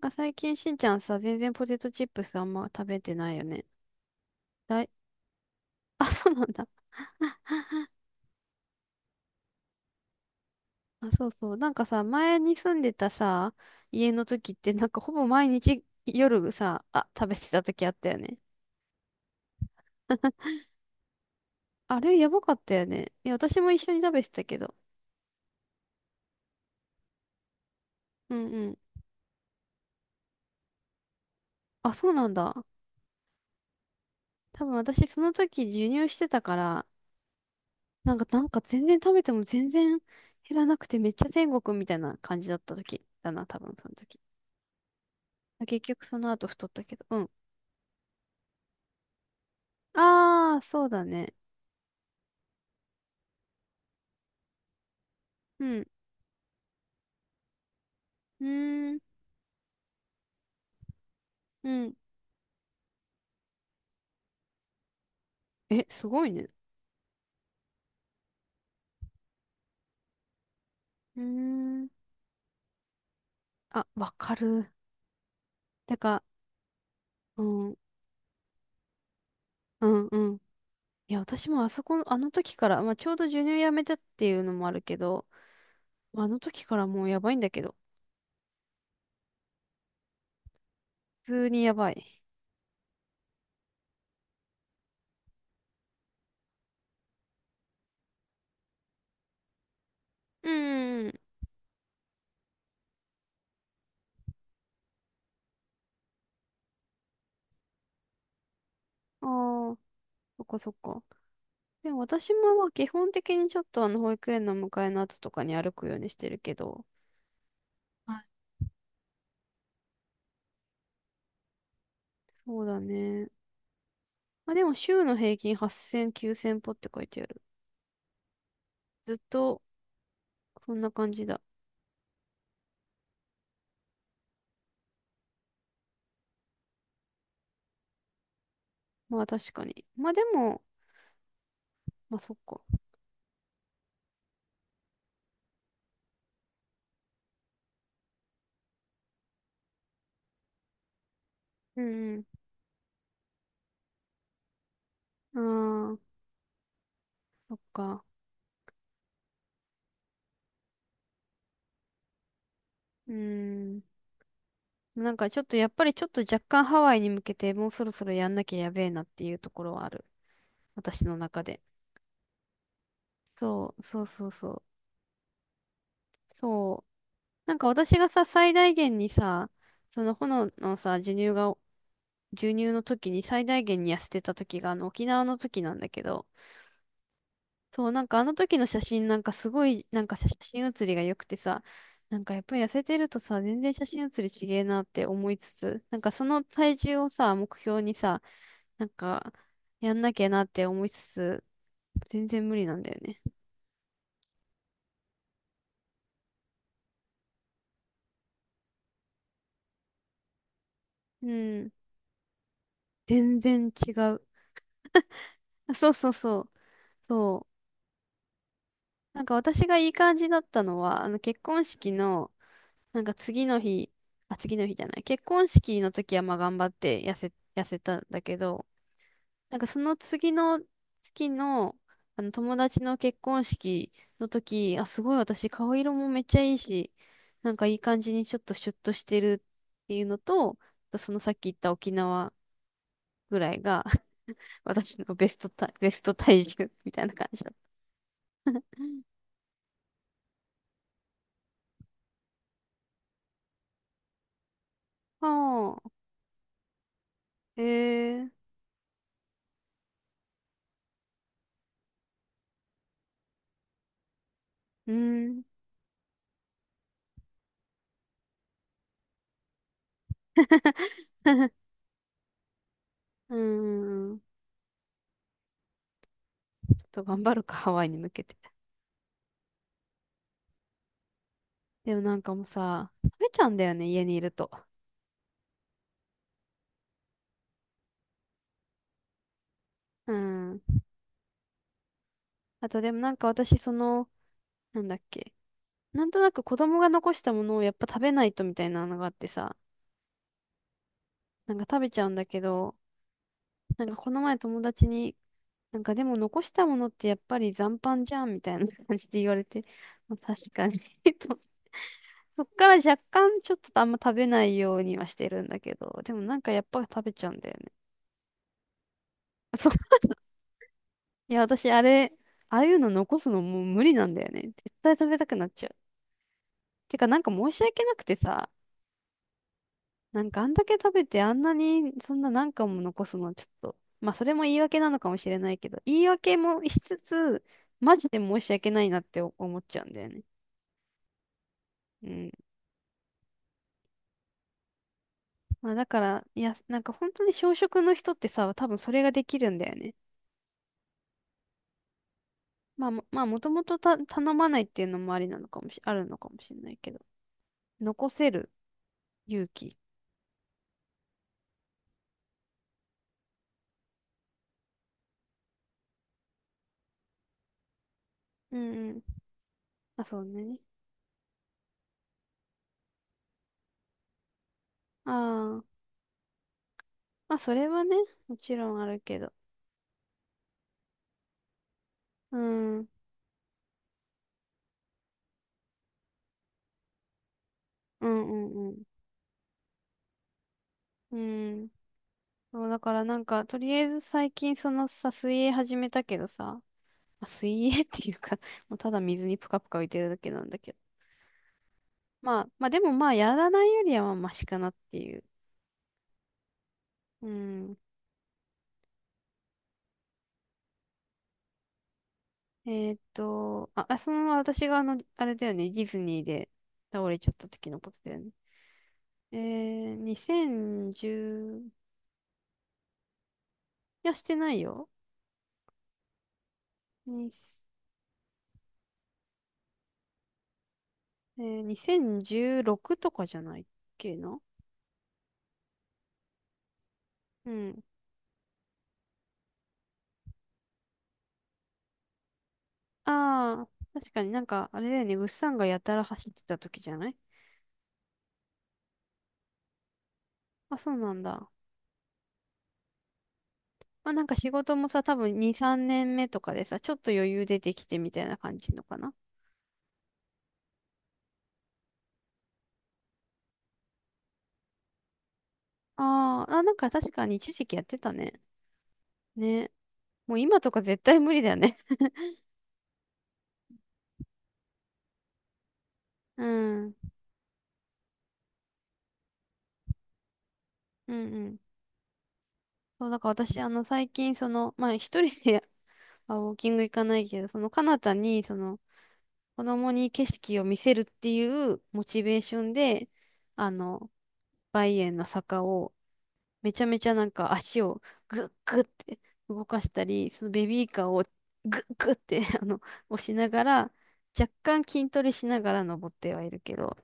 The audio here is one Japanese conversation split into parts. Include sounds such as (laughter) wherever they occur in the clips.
最近しんちゃんさ、全然ポテトチップスあんま食べてないよね。だい、(laughs) あ、そうなんだ。あ、そうそう。なんかさ、前に住んでたさ、家の時って、なんかほぼ毎日夜さ、あ、食べてた時あったよね。(laughs) あれ、やばかったよね。いや、私も一緒に食べてたけど。うんうん。あ、そうなんだ。多分私その時授乳してたから、なんか全然食べても全然減らなくてめっちゃ天国みたいな感じだった時だな、多分その時。結局その後太ったけど。うん。ああ、そうだね。うん。うーん。うん。え、すごいね。うーん。あ、わかる。てか、うん。うん、うん。いや、私もあそこの、あの時から、まあ、ちょうど授乳やめたっていうのもあるけど、まあ、あの時からもうやばいんだけど、普通にやばい。うんうんうん。ああ、そっかそっか。でも私もまあ基本的にちょっとあの保育園の迎えの後とかに歩くようにしてるけど、はい、そうだね。まあでも週の平均8000、9000歩って書いてある。ずっとそんな感じだ。まあ確かに。まあでも、まあそっか。うんうん。ああ、そっか。うーん。ちょっとやっぱりちょっと若干ハワイに向けてもうそろそろやんなきゃやべえなっていうところはある。私の中で。そう、そうそうそう。そう。なんか私がさ、最大限にさ、その炎のさ、授乳が、授乳の時に最大限に痩せてた時があの沖縄の時なんだけど、そう、なんかあの時の写真なんかすごい、なんか写真写りが良くてさ、なんかやっぱり痩せてるとさ、全然写真写りちげえなって思いつつ、なんかその体重をさ、目標にさ、なんかやんなきゃなって思いつつ、全然無理なんだよね。うん。全然違う。あ、そうそうそう。そう。なんか私がいい感じだったのは、あの結婚式の、なんか次の日、あ、次の日じゃない。結婚式の時はまあ頑張って痩せたんだけど、なんかその次の月の、あの友達の結婚式の時、あ、すごい私顔色もめっちゃいいし、なんかいい感じにちょっとシュッとしてるっていうのと、あとそのさっき言った沖縄ぐらいが (laughs) 私のベスト体重みたいな感じだった。はあ、へえ、うん、うん、ちょっと頑張るか、ハワイに向けて。でもなんかもうさ、食べちゃうんだよね、家にいると。うん。あとでもなんか私その、なんだっけ。なんとなく子供が残したものをやっぱ食べないとみたいなのがあってさ、なんか食べちゃうんだけど、なんかこの前友達に、なんかでも残したものってやっぱり残飯じゃんみたいな (laughs) 感じで言われて、まあ、確かに (laughs) と、そっから若干ちょっとあんま食べないようにはしてるんだけど、でもなんかやっぱ食べちゃうんだよね。(laughs) そう、(laughs) いや私あれ、ああいうの残すのもう無理なんだよね。絶対食べたくなっちゃう。てかなんか申し訳なくてさ、なんかあんだけ食べてあんなにそんな何貫も残すのちょっと、まあそれも言い訳なのかもしれないけど、言い訳もしつつ、マジで申し訳ないなって思っちゃうんだよね。うん。まあだから、いや、なんか本当に小食の人ってさ、多分それができるんだよね。まあもともとた頼まないっていうのもありなのかもし、あるのかもしれないけど。残せる勇気。うんうん。あ、そうね。ああ。まあそれはね、もちろんあるけど。うん。うんうんうん。うん。そう、だからなんか、とりあえず最近そのさ、水泳始めたけどさ、まあ、水泳っていうか (laughs) もうただ水にぷかぷか浮いてるだけなんだけど。まあ、まあでもまあ、やらないよりはまあ、マシかなっていう。うん。あ、あそのまま私があの、あれだよね、ディズニーで倒れちゃった時のことだよね。えー、2010、いや、してないよ。に、えー、2016とかじゃないっけな。うん。ああ、確かになんか、あれだよね、ぐっさんがやたら走ってた時じゃない。あ、そうなんだ。まあなんか仕事もさ、多分2、3年目とかでさ、ちょっと余裕出てきてみたいな感じのかな。あーあ、なんか確かに一時期やってたね。ね。もう今とか絶対無理だよね。(laughs) うん。うんうん。そう、だから私、あの、最近、その、まあ一人で (laughs) あ、ウォーキング行かないけど、その、彼方に、その、子供に景色を見せるっていうモチベーションで、あの、バイエンの坂をめちゃめちゃなんか足をグッグッって動かしたり、そのベビーカーをグッグッって (laughs) あの、押しながら、若干筋トレしながら登ってはいるけど、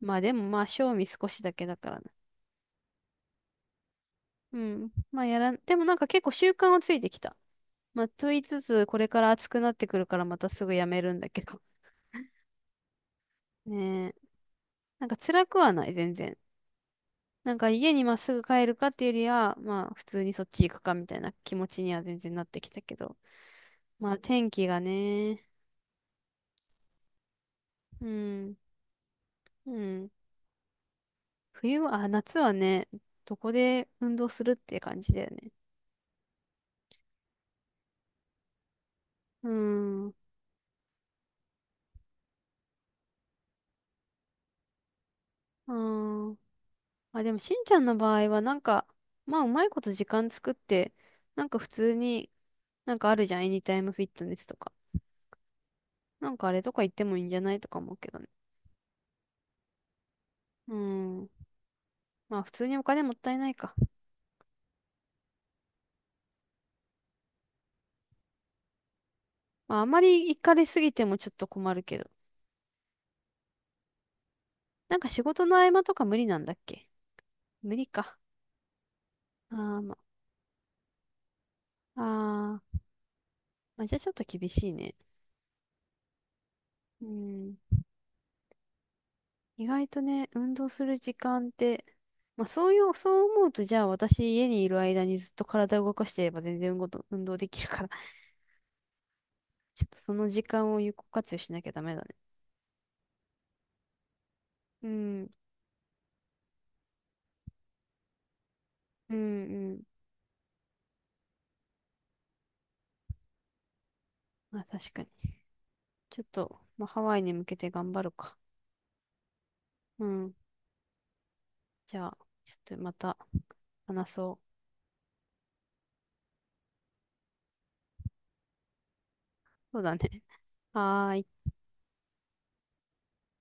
まあでもまあ賞味少しだけだからね。うん。まあやらん、でもなんか結構習慣はついてきた。まあと言いつつ、これから暑くなってくるからまたすぐやめるんだけど。ねえ。なんか辛くはない、全然。なんか家にまっすぐ帰るかっていうよりは、まあ普通にそっち行くかみたいな気持ちには全然なってきたけど。まあ天気がね、うん、うん。冬は、あ、夏はね、どこで運動するっていう感じだよね。うん、うん。あ、でもしんちゃんの場合はなんか、まあうまいこと時間作って、なんか普通に、なんかあるじゃん、エニタイムフィットネスとか。なんかあれとか行ってもいいんじゃないとか思うけどね。うん。まあ普通にお金もったいないか。まあ、あまり行かれすぎてもちょっと困るけど。なんか仕事の合間とか無理なんだっけ、無理か。あーまあ、あーまあ、じゃあちょっと厳しいね。うん。意外とね、運動する時間って、まあそういう、そう思うと、じゃあ私家にいる間にずっと体を動かしてれば全然運動と、運動できるから (laughs) ちょっとその時間を有効活用しなきゃダメだね。うん、うん、うん。まあ確かに。ちょっと、まあハワイに向けて頑張るか。うん。じゃあ、ちょっとまた話そう。そうだね。はーい。